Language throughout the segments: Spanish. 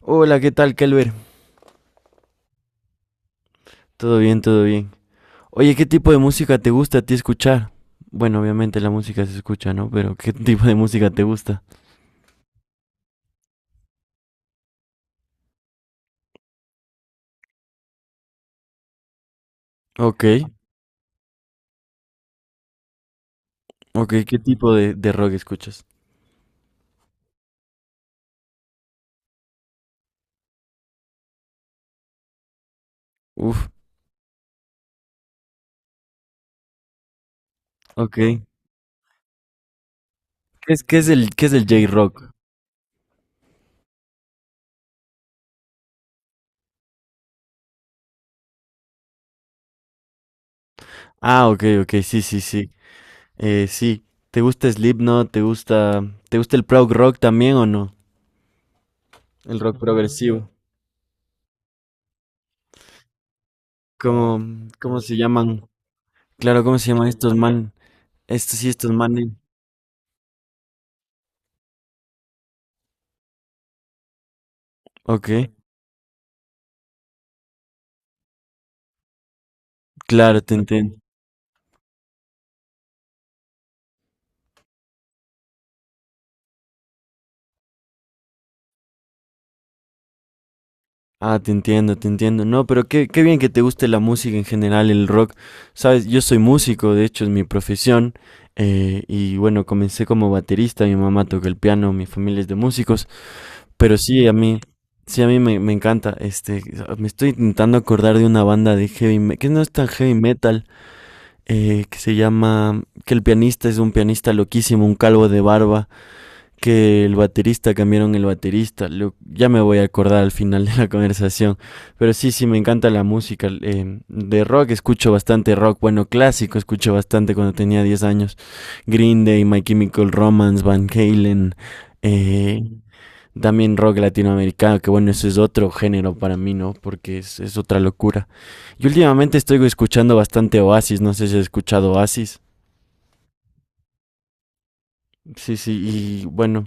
Hola, ¿qué tal, Kelber? Todo bien, todo bien. Oye, ¿qué tipo de música te gusta a ti escuchar? Bueno, obviamente la música se escucha, ¿no? Pero ¿qué tipo de música te gusta? Ok, ok, ¿qué tipo de rock escuchas? Uf, ok. ¿Qué es el J-Rock? Ah, ok, ok, sí, sí, sí. Sí. ¿Te gusta Slipknot? ¿Te gusta el prog rock también o no? El rock progresivo. ¿Cómo se llaman? Claro, ¿cómo se llaman estos man? Estos sí, estos manes. Ok, claro, te entiendo. Ah, te entiendo, te entiendo. No, pero qué bien que te guste la música en general, el rock. Sabes, yo soy músico, de hecho es mi profesión. Y bueno, comencé como baterista, mi mamá toca el piano, mi familia es de músicos. Pero sí, a mí me encanta. Este, me estoy intentando acordar de una banda de heavy metal, que no es tan heavy metal, que se llama, que el pianista es un pianista loquísimo, un calvo de barba que el baterista cambiaron el baterista. Ya me voy a acordar al final de la conversación. Pero sí, sí, me encanta la música. De rock escucho bastante rock. Bueno, clásico escucho bastante cuando tenía 10 años. Green Day, My Chemical Romance, Van Halen. eh, También rock latinoamericano, que bueno, eso es otro género para mí, ¿no? Porque es, otra locura. Y últimamente estoy escuchando bastante Oasis. No sé si has escuchado Oasis. Sí, sí, y bueno.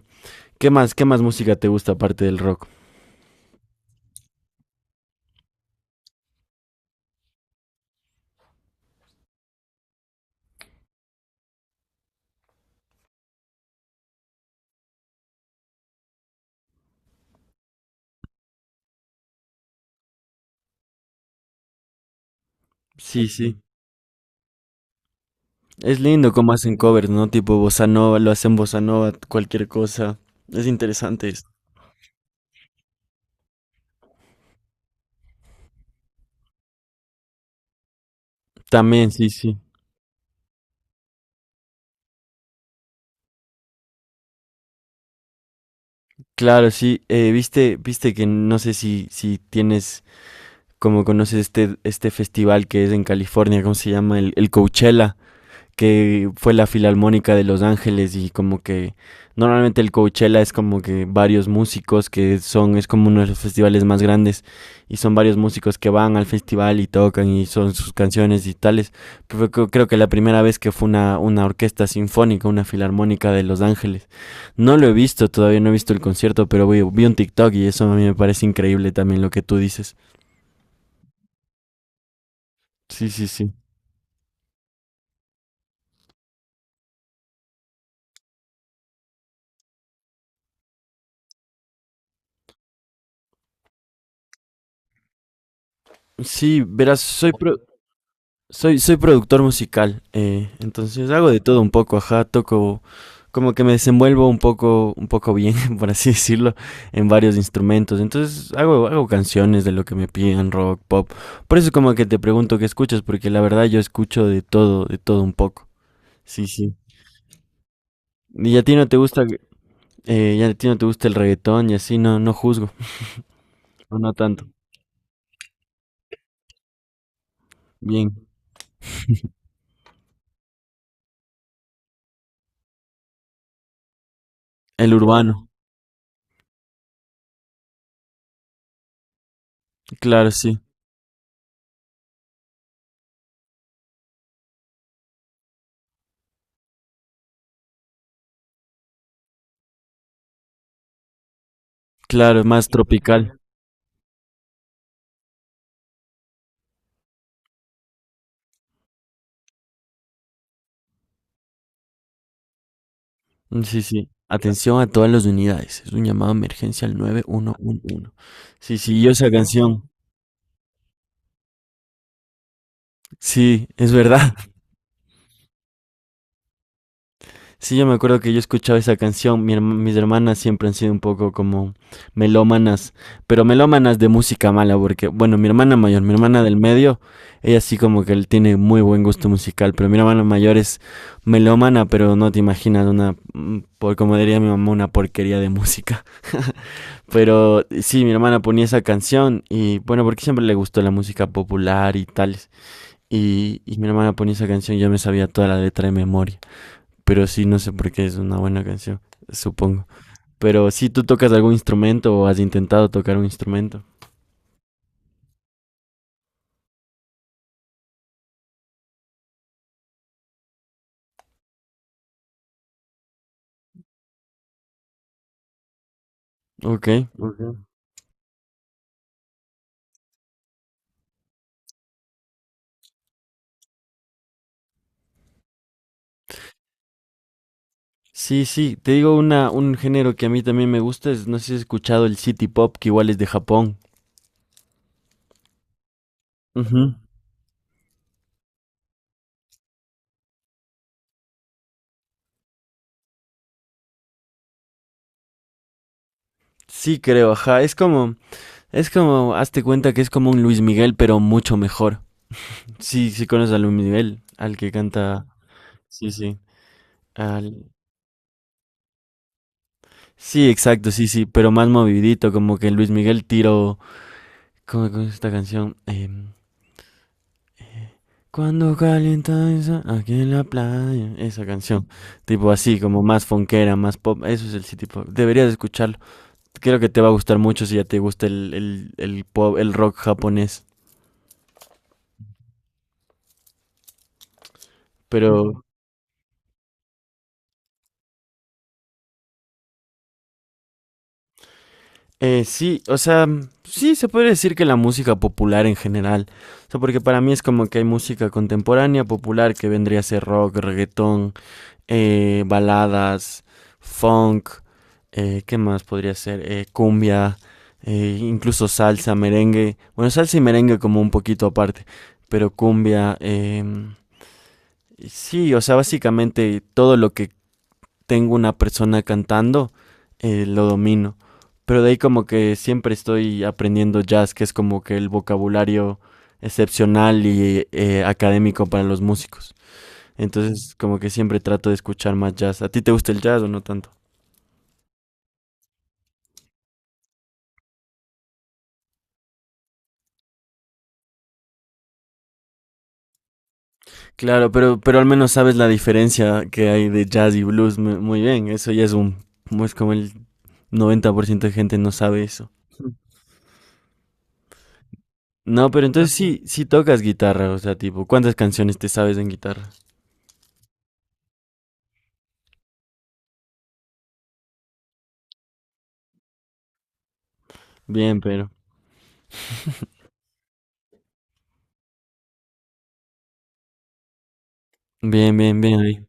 Qué más música te gusta aparte del rock? Sí, sí. Es lindo cómo hacen covers, ¿no? Tipo bossa nova, lo hacen bossa nova, cualquier cosa. Es interesante esto. También, sí, sí. Claro, sí. Viste, viste que no sé si, si tienes, como conoces este, este festival que es en California, ¿cómo se llama? El Coachella. Que fue la Filarmónica de Los Ángeles y como que normalmente el Coachella es como que varios músicos que son, es como uno de los festivales más grandes y son varios músicos que van al festival y tocan y son sus canciones y tales. Pero creo, que la primera vez que fue una orquesta sinfónica, una Filarmónica de Los Ángeles. No lo he visto, todavía no he visto el concierto, pero vi, un TikTok y eso a mí me parece increíble también lo que tú dices. Sí, sí, sí. Sí, verás, soy productor musical, entonces hago de todo un poco, ajá, toco, como que me desenvuelvo un poco bien, por así decirlo, en varios instrumentos. Entonces hago canciones de lo que me piden, rock, pop. Por eso como que te pregunto qué escuchas, porque la verdad yo escucho de todo un poco. Sí, sí. Y a ti no te gusta, ya a ti no te gusta el reggaetón y así, no, no juzgo, o no tanto. Bien. El urbano, claro, sí, claro, más tropical. Mm, sí, sí. Atención a todas las unidades. Es un llamado de emergencia al 911. Sí, sí, yo esa canción. Sí, es verdad. Sí, yo me acuerdo que yo escuchaba esa canción. Mis hermanas siempre han sido un poco como melómanas, pero melómanas de música mala, porque, bueno, mi hermana mayor, mi hermana del medio, ella sí como que él tiene muy buen gusto musical, pero mi hermana mayor es melómana, pero no te imaginas una, por como diría mi mamá, una porquería de música. Pero sí, mi hermana ponía esa canción y bueno, porque siempre le gustó la música popular y tales. Y mi hermana ponía esa canción, y yo me sabía toda la letra de memoria. Pero sí, no sé por qué es una buena canción, supongo. Pero sí, tú tocas algún instrumento o has intentado tocar un instrumento. Ok. Ujú. Sí, sí, te digo un género que a mí también me gusta, es, no sé si has escuchado el City Pop, que igual es de Japón. Ujú. Sí, creo, ajá, es como, hazte cuenta que es como un Luis Miguel, pero mucho mejor. Sí, sí conoces a Luis Miguel, al que canta. Sí, sí. Al... Sí, exacto, sí, sí, pero más movidito, como que Luis Miguel tiró. ¿Cómo es esta canción? Eh, Cuando calienta esa, aquí en la playa, esa canción. Tipo así, como más funkera, más pop. Eso es el sí, tipo. Deberías escucharlo. Creo que te va a gustar mucho si ya te gusta el pop, el rock japonés. Pero sí, o sea, sí se puede decir que la música popular en general, o sea, porque para mí es como que hay música contemporánea popular que vendría a ser rock, reggaetón, baladas, funk, ¿qué más podría ser? Cumbia, incluso salsa, merengue, bueno, salsa y merengue como un poquito aparte, pero cumbia, sí, o sea, básicamente todo lo que tengo una persona cantando, lo domino. Pero de ahí como que siempre estoy aprendiendo jazz, que es como que el vocabulario excepcional y académico para los músicos. Entonces como que siempre trato de escuchar más jazz. ¿A ti te gusta el jazz o no tanto? Claro, pero al menos sabes la diferencia que hay de jazz y blues muy, muy bien. Eso ya es un... Es como el 90% de gente no sabe eso. No, pero entonces sí, sí tocas guitarra, o sea, tipo, ¿cuántas canciones te sabes en guitarra? Bien, pero... Bien, bien, bien ahí.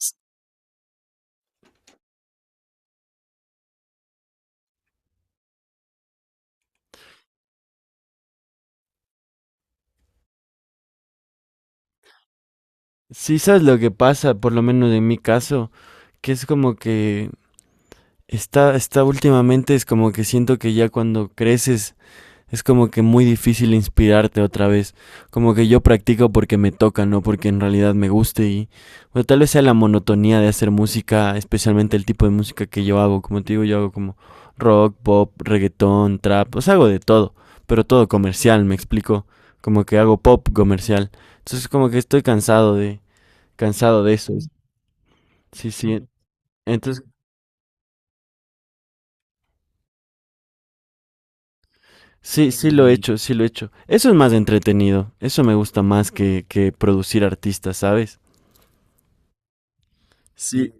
S- Sí, sabes lo que pasa, por lo menos en mi caso, que es como que está, últimamente, es como que siento que ya cuando creces es como que muy difícil inspirarte otra vez. Como que yo practico porque me toca, no porque en realidad me guste y bueno, tal vez sea la monotonía de hacer música, especialmente el tipo de música que yo hago. Como te digo, yo hago como rock, pop, reggaetón, trap, o sea, hago de todo, pero todo comercial, me explico. Como que hago pop comercial. Entonces como que estoy cansado de eso. Sí, sí. Entonces sí, sí lo he hecho, sí lo he hecho. Eso es más entretenido. Eso me gusta más que producir artistas, ¿sabes? Sí,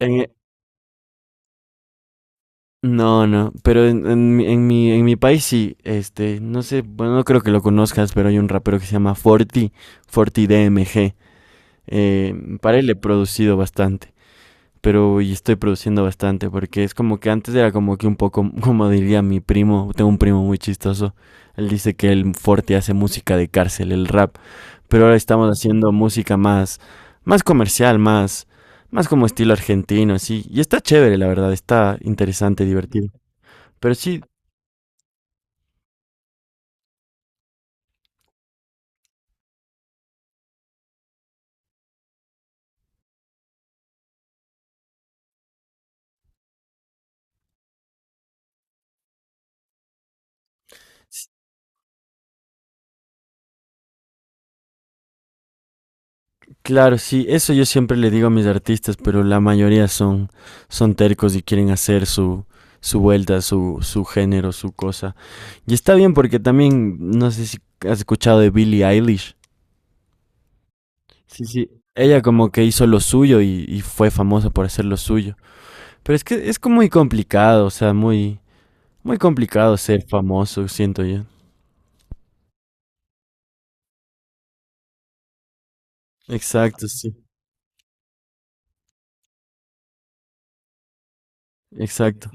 en e- no, no, pero en mi país sí, este, no sé, bueno, no creo que lo conozcas, pero hay un rapero que se llama Forti, Forti DMG, para él he producido bastante, pero y estoy produciendo bastante, porque es como que antes era como que un poco, como diría mi primo, tengo un primo muy chistoso, él dice que el Forti hace música de cárcel, el rap pero ahora estamos haciendo música más, más comercial, más, más como estilo argentino, así. Y está chévere, la verdad, está interesante, divertido. Pero sí, s- claro, sí, eso yo siempre le digo a mis artistas, pero la mayoría son, tercos y quieren hacer su, su, vuelta, su género, su cosa. Y está bien porque también, no sé si has escuchado de Billie Eilish. Sí, sí. Ella como que hizo lo suyo y fue famosa por hacer lo suyo. Pero es que es como muy complicado, o sea, muy... Muy complicado ser famoso, siento yo. Exacto, sí, exacto.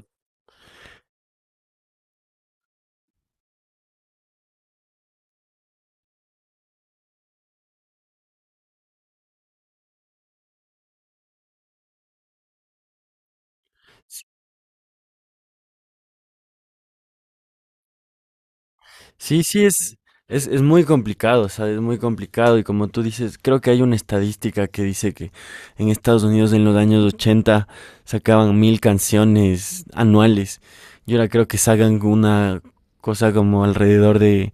Sí, sí, es, es muy complicado, ¿sabes? Es muy complicado y como tú dices, creo que hay una estadística que dice que en Estados Unidos en los años 80 sacaban 1000 canciones anuales y ahora creo que sacan una cosa como alrededor de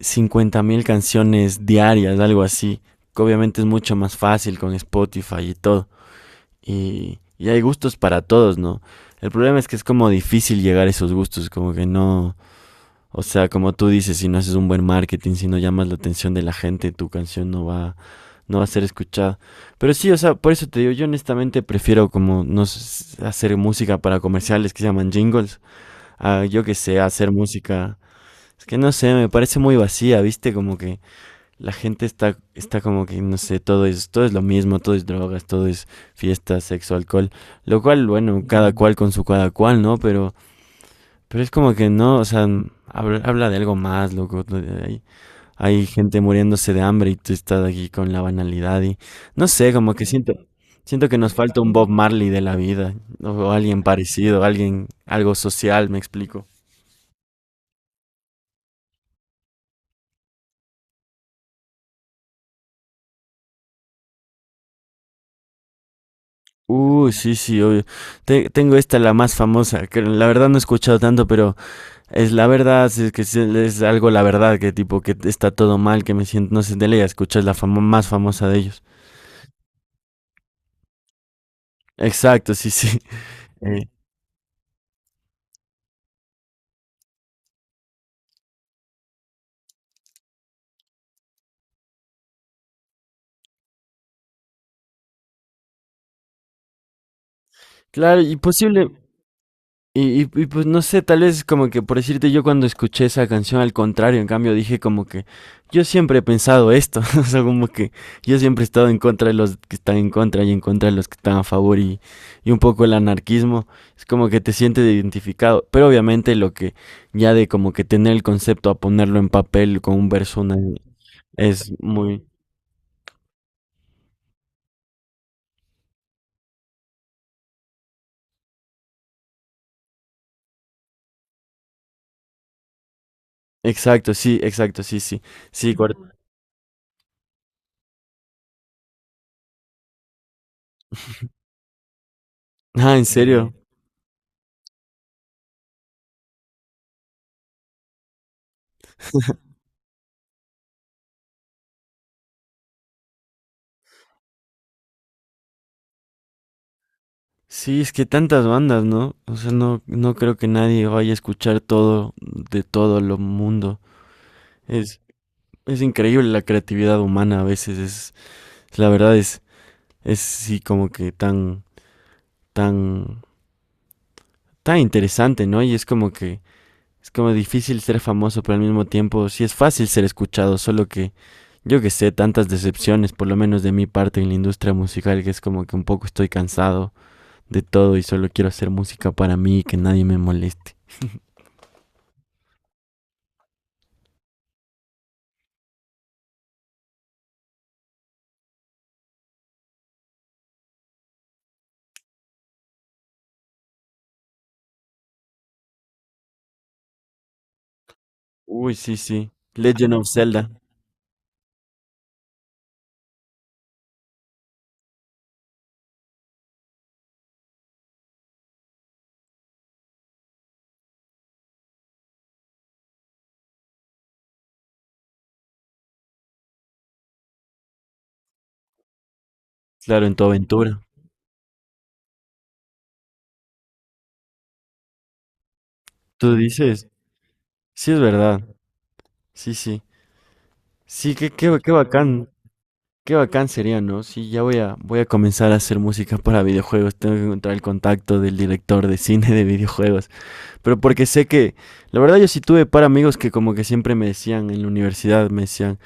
50 mil canciones diarias, algo así. Que obviamente es mucho más fácil con Spotify y todo. Y hay gustos para todos, ¿no? El problema es que es como difícil llegar a esos gustos, como que no, o sea, como tú dices, si no haces un buen marketing, si no llamas la atención de la gente, tu canción no va, a ser escuchada. Pero sí, o sea, por eso te digo, yo honestamente prefiero como no s- hacer música para comerciales que se llaman jingles, a yo que sé, hacer música, es que no sé, me parece muy vacía, ¿viste? Como que la gente está, como que, no sé, todo es lo mismo, todo es drogas, todo es fiesta, sexo, alcohol, lo cual, bueno, cada cual con su cada cual, ¿no? Pero es como que no, o sea, habla, de algo más, loco. Hay, hay gente muriéndose de hambre y tú estás aquí con la banalidad y, no sé, como que siento, que nos falta un Bob Marley de la vida, o alguien parecido, alguien, algo social, me explico. Uy, sí, sí, obvio. Tengo esta, la más famosa, que la verdad no he escuchado tanto, pero es la verdad, si es que es algo la verdad, que tipo que está todo mal, que me siento, no sé, de ley, escuchas la fama más famosa de ellos. Exacto, sí, sí. Eh, Claro, y posible. Pues no sé, tal vez como que por decirte yo cuando escuché esa canción al contrario, en cambio dije como que yo siempre he pensado esto, o sea, como que yo siempre he estado en contra de los que están en contra y en contra de los que están a favor y un poco el anarquismo, es como que te sientes identificado, pero obviamente lo que ya de como que tener el concepto a ponerlo en papel con un verso es muy... Exacto, sí, exacto, sí, sí, sí, ah, ¿en serio? Sí, es que tantas bandas, ¿no? O sea, no, no creo que nadie vaya a escuchar todo de todo el mundo. Es, es increíble la creatividad humana a veces. Es, la verdad es sí como que tan, tan, tan interesante, ¿no? Y es como que, es como difícil ser famoso, pero al mismo tiempo sí es fácil ser escuchado, solo que, yo que sé, tantas decepciones, por lo menos de mi parte en la industria musical, que es como que un poco estoy cansado de todo y solo quiero hacer música para mí y que nadie me moleste. Uy, sí, sí. Legend of Zelda. Claro, en tu aventura. Tú dices, sí es verdad. Sí, sí. Sí, qué, qué, qué bacán. Qué bacán sería, ¿no? Sí, ya voy a, voy a comenzar a hacer música para videojuegos. Tengo que encontrar el contacto del director de cine de videojuegos. Pero porque sé que, la verdad yo sí tuve para amigos que como que siempre me decían en la universidad, me decían,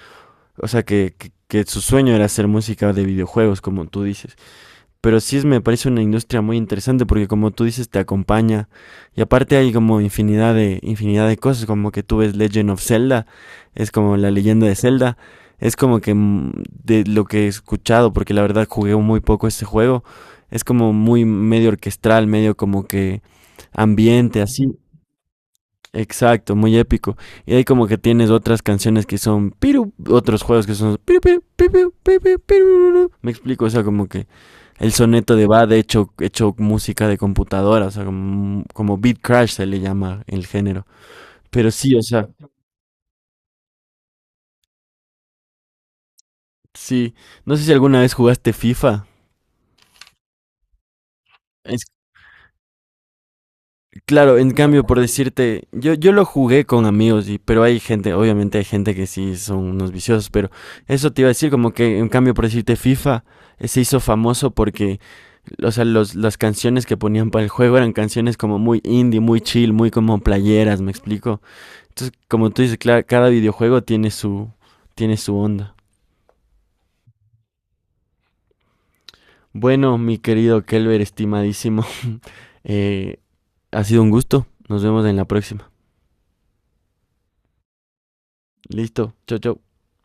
o sea, que su sueño era hacer música de videojuegos, como tú dices. Pero sí es, me parece una industria muy interesante porque como tú dices te acompaña y aparte hay como infinidad de cosas como que tú ves Legend of Zelda, es como la leyenda de Zelda, es como que de lo que he escuchado porque la verdad jugué muy poco este juego, es como muy medio orquestral medio como que ambiente así. Exacto, muy épico. Y ahí como que tienes otras canciones que son piru, otros juegos que son piru, piru, piru, piru, piru. Me explico, o sea, como que el soneto de Bad hecho música de computadora, o sea, como, como beat crash se le llama el género. Pero sí, o sea, sí. No sé si alguna vez jugaste FIFA. Claro, en cambio, por decirte, yo lo jugué con amigos, y, pero hay gente, obviamente hay gente que sí son unos viciosos, pero eso te iba a decir, como que en cambio, por decirte, FIFA se hizo famoso porque, o sea, los, las canciones que ponían para el juego eran canciones como muy indie, muy chill, muy como playeras, ¿me explico? Entonces, como tú dices, claro, cada videojuego tiene su onda. Bueno, mi querido Kelber, estimadísimo, eh, ha sido un gusto, nos vemos en la próxima. Listo, chau, chau.